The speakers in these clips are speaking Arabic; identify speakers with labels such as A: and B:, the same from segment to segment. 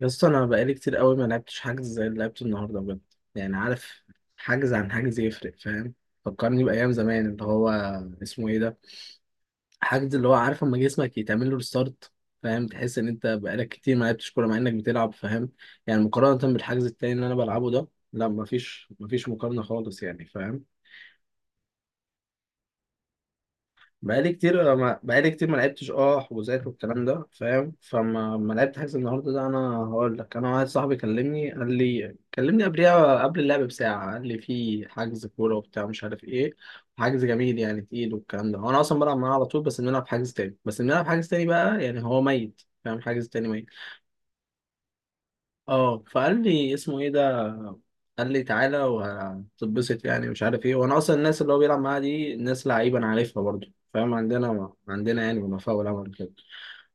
A: يا اسطى انا بقالي كتير قوي ما لعبتش حجز زي اللي لعبته النهارده بجد. يعني عارف، حجز عن حجز يفرق. فاهم؟ فكرني بايام زمان اللي هو اسمه ايه ده. حجز اللي هو عارف اما جسمك يتعمل له ريستارت. فاهم؟ تحس ان انت بقالك كتير ما لعبتش كوره مع انك بتلعب. فاهم؟ يعني مقارنه بالحجز التاني اللي انا بلعبه ده. لا، مفيش مفيش مقارنه خالص يعني. فاهم؟ بقالي كتير ما بقالي كتير ما لعبتش حجوزات والكلام ده. فاهم؟ فما ما لعبت حجز النهارده ده. انا هقول لك، انا واحد صاحبي كلمني قال لي، كلمني قبلها قبل اللعب بساعه، قال لي في حجز كوره وبتاع مش عارف ايه. حجز جميل يعني تقيل والكلام ده. انا اصلا بلعب معاه على طول، بس بنلعب حجز تاني، بس بنلعب حجز تاني بقى يعني هو ميت. فاهم؟ حجز تاني. اه، فقال لي اسمه ايه ده، قال لي تعالى وهتتبسط يعني مش عارف ايه. وانا اصلا الناس اللي هو بيلعب معاها دي ناس لعيبه انا عارفها برضو. فاهم؟ عندنا يعني وفاء والعمل كده.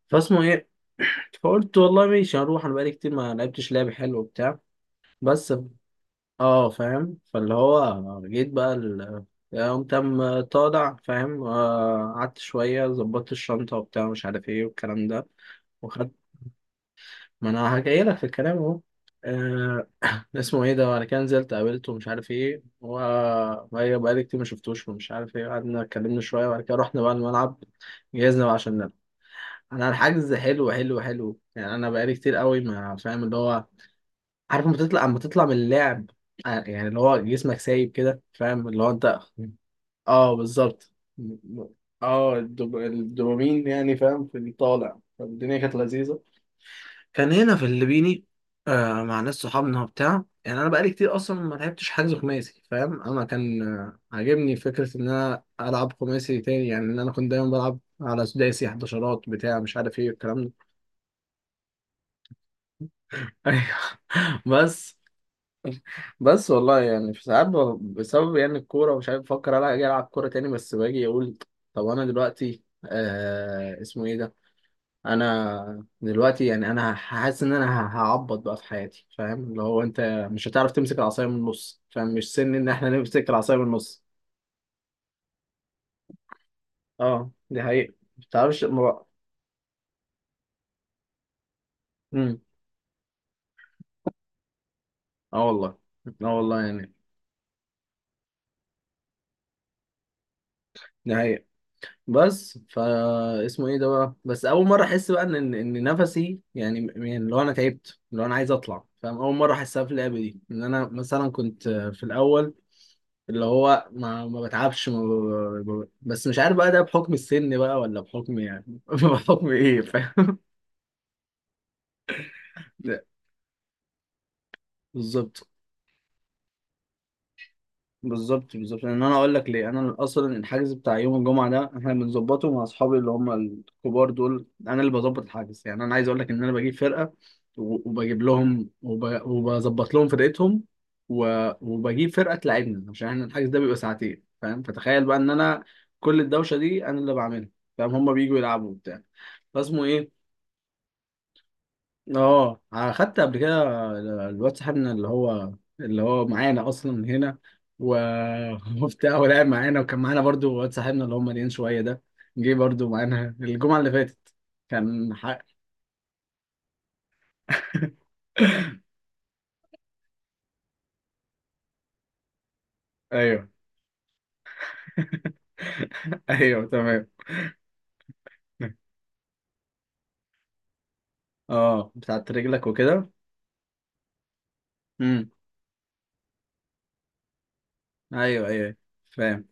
A: فاسمه ايه؟ فقلت والله ماشي هروح، انا بقالي كتير ما لعبتش لعب حلو وبتاع. بس. اه فاهم فاللي هو جيت بقى قمت قام طالع. فاهم؟ قعدت شويه ظبطت الشنطه وبتاع مش عارف ايه والكلام ده وخدت. ما انا هجيلك في الكلام اهو. آه، اسمه ايه ده، وانا كان نزلت قابلته ومش عارف ايه و بقالي كتير ما شفتوش ومش عارف ايه. قعدنا اتكلمنا شويه وبعد كده رحنا بقى الملعب، جهزنا بقى عشان نلعب. انا الحجز حلو حلو حلو يعني، انا بقالي كتير قوي ما فاهم اللي هو. عارف لما تطلع اما تطلع من اللعب، يعني اللي هو جسمك سايب كده. فاهم؟ اللي هو انت، اه بالظبط. اه الدوبامين يعني. فاهم؟ في الطالع، فالدنيا كانت لذيذه. كان هنا في الليبيني، آه مع ناس صحابنا وبتاع. يعني انا بقالي كتير اصلا ما لعبتش حجز خماسي. فاهم؟ انا كان عاجبني فكره ان انا العب خماسي تاني، يعني ان انا كنت دايما بلعب على سداسي حداشرات بتاع مش عارف ايه الكلام ده. ايوه. بس، بس والله يعني في ساعات بسبب يعني الكوره ومش عارف بفكر الا اجي العب كوره تاني، بس باجي اقول طب انا دلوقتي آه اسمه ايه ده. انا دلوقتي يعني انا حاسس ان انا هعبط بقى في حياتي. فاهم؟ اللي هو انت مش هتعرف تمسك العصايه من النص. فاهم؟ مش سن ان احنا نمسك العصايه من النص. اه دي حقيقة ما بتعرفش ما. امم اه والله. اه والله يعني. دي حقيقة. بس فا اسمه ايه ده بقى. بس اول مره احس بقى ان إن نفسي يعني، يعني اللي هو انا تعبت، اللي هو انا عايز اطلع. فاهم؟ اول مره احسها في اللعبه دي، ان انا مثلا كنت في الاول اللي هو ما بتعبش ما. بس مش عارف بقى، ده بحكم السن بقى ولا بحكم يعني بحكم ايه. فاهم؟ بالظبط. بالظبط بالظبط لان انا اقول لك ليه. انا اصلا الحجز بتاع يوم الجمعه ده احنا بنظبطه مع اصحابي اللي هم الكبار دول، انا اللي بظبط الحجز. يعني انا عايز اقول لك ان انا بجيب فرقه وبجيب لهم وبظبط لهم فرقتهم و... وبجيب فرقه تلعبنا عشان احنا الحجز ده بيبقى ساعتين. فاهم؟ فتخيل بقى ان انا كل الدوشه دي انا اللي بعملها. فاهم؟ هم بيجوا يلعبوا وبتاع. فاسمه ايه. اه خدت قبل كده. الواد صاحبنا اللي هو اللي هو معانا اصلا هنا و... وبتاع. ولعب معانا وكان معانا برضو واد صاحبنا اللي هو مليان شويه ده، جه برضو معانا الجمعه اللي فاتت، كان حق. ايوه. ايوه تمام. اه بتاعت رجلك وكده. امم ايوه ايوه فاهم.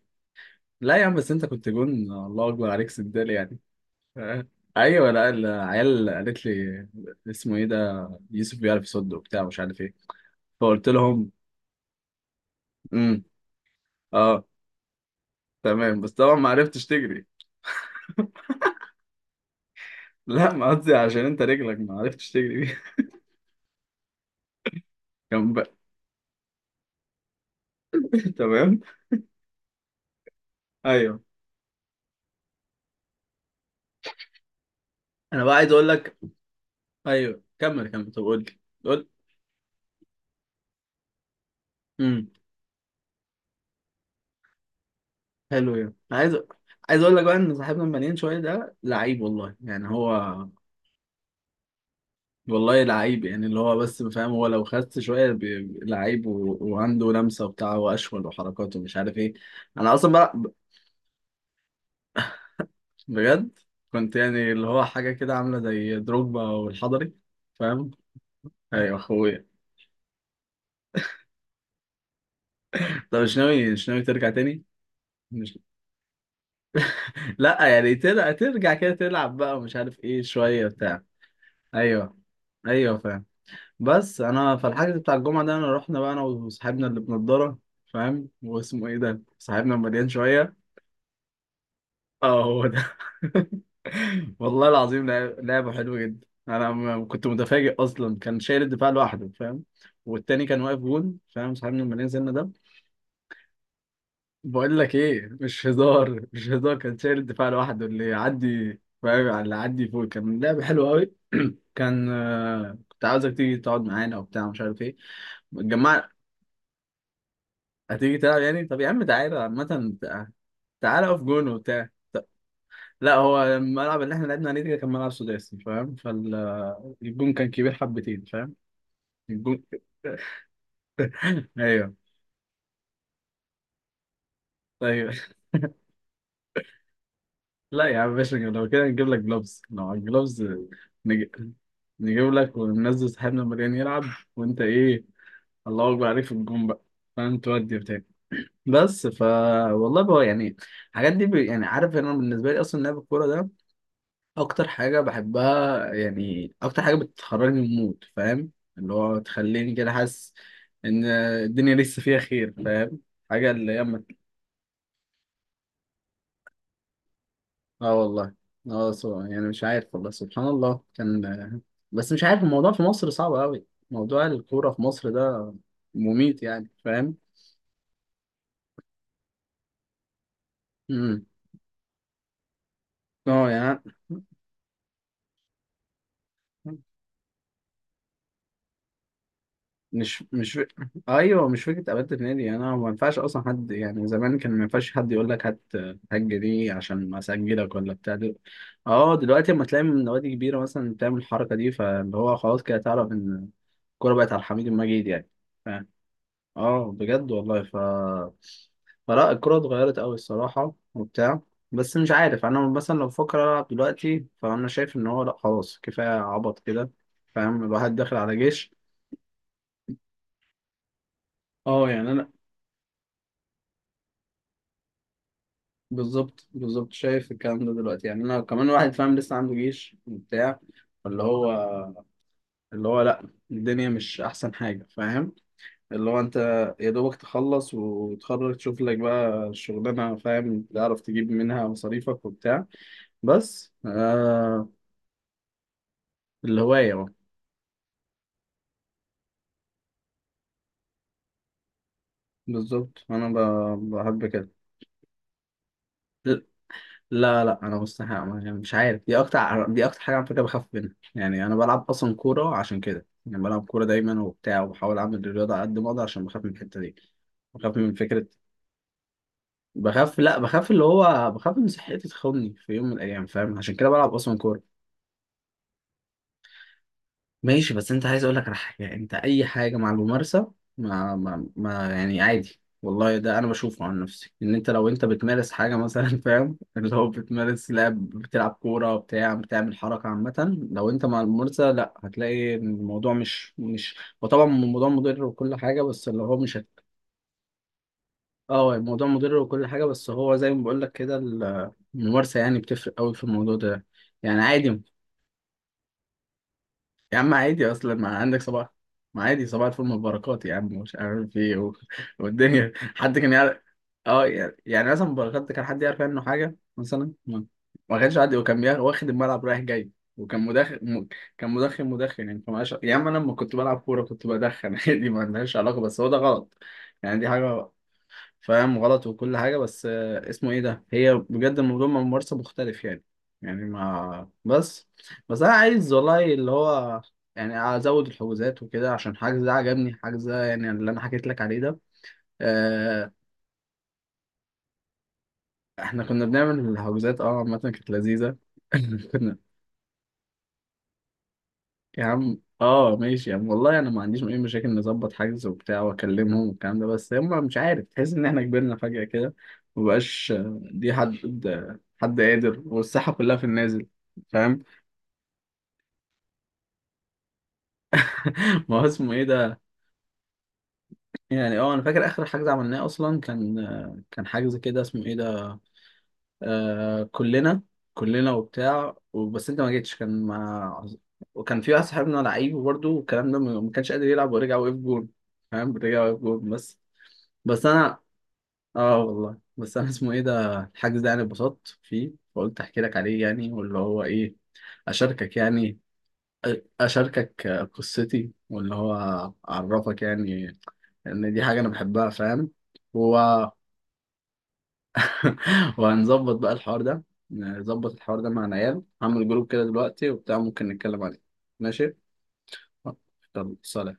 A: لا يا عم، بس انت كنت جون الله اكبر عليك سندال يعني. آه. ايوه لا، العيال قالت لي اسمه ايه ده، يوسف بيعرف يصد وبتاع مش عارف ايه. فقلت لهم امم، اه تمام. بس طبعا ما عرفتش تجري. لا ما قصدي عشان انت رجلك ما عرفتش تجري بيها. كان بقى. تمام. ايوه انا بقى عايز اقول لك. ايوه كمل كمل، طب قول لي. قول. امم حلو يعني. عايز عايز اقول لك بقى ان صاحبنا المليان شويه ده لعيب والله يعني هو. والله لعيب يعني اللي هو بس. فاهم؟ هو لو خس شويه لعيب وعنده لمسه وبتاع واشول وحركات ومش عارف ايه. انا اصلا بقى، بجد كنت يعني اللي هو حاجة كده عاملة زي دروجبا والحضري. فاهم؟ ايوه اخويا. طب مش ناوي، مش ناوي ترجع تاني. مش... لا يعني ترجع ترجع كده تلعب بقى ومش عارف ايه شوية بتاع. ايوه ايوه فاهم. بس انا فالحجز بتاع الجمعة ده، انا رحنا بقى انا وصاحبنا اللي بنضارة. فاهم؟ واسمه ايه ده صاحبنا المليان شوية. اه هو ده. والله العظيم لعبة حلوة جدا. انا كنت متفاجئ اصلا. كان شايل الدفاع لوحده. فاهم؟ والتاني كان واقف جون. فاهم؟ صاحبنا لما نزلنا ده. بقول لك ايه، مش هزار مش هزار، كان شايل الدفاع لوحده، اللي يعدي. فاهم؟ على اللي يعدي فوق. كان لعبة حلوة قوي. كان كنت عاوزك تيجي تقعد معانا وبتاع مش عارف ايه. اتجمعنا. هتيجي تلعب يعني، طب يا عم تعالى عامة تعالى اقف جون وبتاع. لا، هو الملعب اللي احنا لعبنا عليه ده كان ملعب سداسي. فاهم؟ فالجون كان كبير حبتين. فاهم؟ الجون. ايوه. ايوه لا يا عم باشا، لو كده نجيب لك جلوفز، لو على الجلوفز نجيب, نجيب لك وننزل صاحبنا مريان يلعب. وانت ايه، الله اكبر عليك في الجون بقى. فاهم؟ تودي بتاعي. بس ف. والله بقى يعني الحاجات دي يعني عارف، انا بالنسبه لي اصلا لعب الكوره ده اكتر حاجه بحبها. يعني اكتر حاجه بتخرجني من المود. فاهم؟ اللي هو تخليني كده حاسس ان الدنيا لسه فيها خير. فاهم؟ حاجه اللي هي اه والله. اه يعني مش عارف والله سبحان الله كان. بس مش عارف الموضوع في مصر صعب قوي. موضوع الكوره في مصر ده مميت يعني. فاهم؟ امم اه يعني. مش مش ف... ايوه مش فكره ابات النادي. انا ما ينفعش اصلا حد يعني. زمان كان ما ينفعش حد يقول لك هات، هات جنيه عشان ما اسجلك ولا بتاع اه دلوقتي اما تلاقي من نوادي كبيره مثلا بتعمل الحركه دي. فاللي هو خلاص كده تعرف ان الكوره بقت على حميد المجيد يعني. فاهم؟ اه بجد والله ف. فلا الكوره اتغيرت قوي الصراحه وبتاع. بس مش عارف، انا مثلا لو بفكر العب دلوقتي فانا شايف ان هو لا، خلاص كفايه عبط كده. فاهم؟ الواحد داخل على جيش. اه يعني انا بالظبط بالظبط. شايف الكلام ده دلوقتي؟ يعني انا كمان واحد. فاهم؟ لسه عنده جيش وبتاع. اللي هو اللي هو لا، الدنيا مش احسن حاجه. فاهم؟ اللي هو انت يا دوبك تخلص وتخرج تشوف لك بقى الشغلانه. فاهم؟ تعرف تجيب منها مصاريفك وبتاع. بس آه. الهوايه بقى. بالظبط انا بحب كده. لا لا، انا مستحيل يعني مش عارف، دي اكتر، دي اكتر حاجه على فكره بخاف منها. يعني انا بلعب اصلا كوره عشان كده. يعني بلعب كوره دايما وبتاع، وبحاول اعمل الرياضه على قد ما اقدر عشان بخاف من الحته دي. بخاف من فكره. بخاف، لا بخاف اللي هو بخاف ان صحتي تخوني في يوم من الايام. فاهم؟ عشان كده بلعب اصلا كوره. ماشي بس انت عايز اقول لك على حاجه يعني. انت اي حاجه مع الممارسه ما يعني عادي. والله ده انا بشوفه عن نفسي، ان انت لو انت بتمارس حاجه مثلا فاهم اللي هو بتمارس لعب بتلعب كوره بتاع بتعمل حركه عامه، لو انت مع الممارسه لا، هتلاقي إن الموضوع مش وطبعا الموضوع مضر وكل حاجه، بس اللي هو مش هت... اه الموضوع مضر وكل حاجه بس هو زي ما بقول لك كده. الممارسه يعني بتفرق قوي في الموضوع ده. يعني عادي. يا عم عادي، اصلا ما عندك صباح. ما عادي صباح الفل مباركات يا عم مش عارف ايه والدنيا حد كان يعرف. اه يعني يعني مثلا مباركات كان حد يعرف عنه حاجه مثلا ما، ما كانش حد. وكان واخد الملعب رايح جاي، وكان مدخن كان مدخن مدخن يعني يا عم انا لما كنت بلعب كوره كنت بدخن عادي ما عندهاش علاقه. بس هو ده غلط يعني. دي حاجه. فاهم؟ غلط وكل حاجة، بس اسمه ايه ده، هي بجد الموضوع من ممارسة مختلف يعني. يعني ما بس بس انا عايز والله اللي هو يعني ازود الحجوزات وكده عشان حجز ده عجبني. حجز ده يعني اللي انا حكيت لك عليه ده. آه، احنا كنا بنعمل الحجوزات، اه عامة كانت لذيذة. كنا. يا عم اه ماشي يا عم، والله انا ما عنديش اي مشاكل، نظبط حجز وبتاع واكلمهم والكلام ده. بس هم مش عارف، تحس ان احنا كبرنا فجأة كده، مبقاش. دي حد، حد قادر، والساحة كلها في النازل. فاهم؟ ما هو اسمه ايه ده. يعني اه انا فاكر اخر حجز عملناه اصلا كان، كان حجز كده اسمه ايه ده، آه كلنا كلنا وبتاع. بس انت ما جيتش، كان مع. وكان في واحد صاحبنا لعيب برضه والكلام ده، ما كانش قادر يلعب ورجع وقف جون. فاهم؟ رجع وقف جون بس. بس انا اه والله، بس انا اسمه ايه ده، الحجز ده يعني اتبسطت فيه فقلت احكي لك عليه يعني، واللي هو ايه، اشاركك يعني. اشاركك قصتي، واللي هو اعرفك يعني ان دي حاجه انا بحبها. فاهم؟ و... وهنظبط بقى الحوار ده. نظبط الحوار ده مع العيال، هعمل جروب كده دلوقتي وبتاع ممكن نتكلم عليه. ماشي يلا سلام.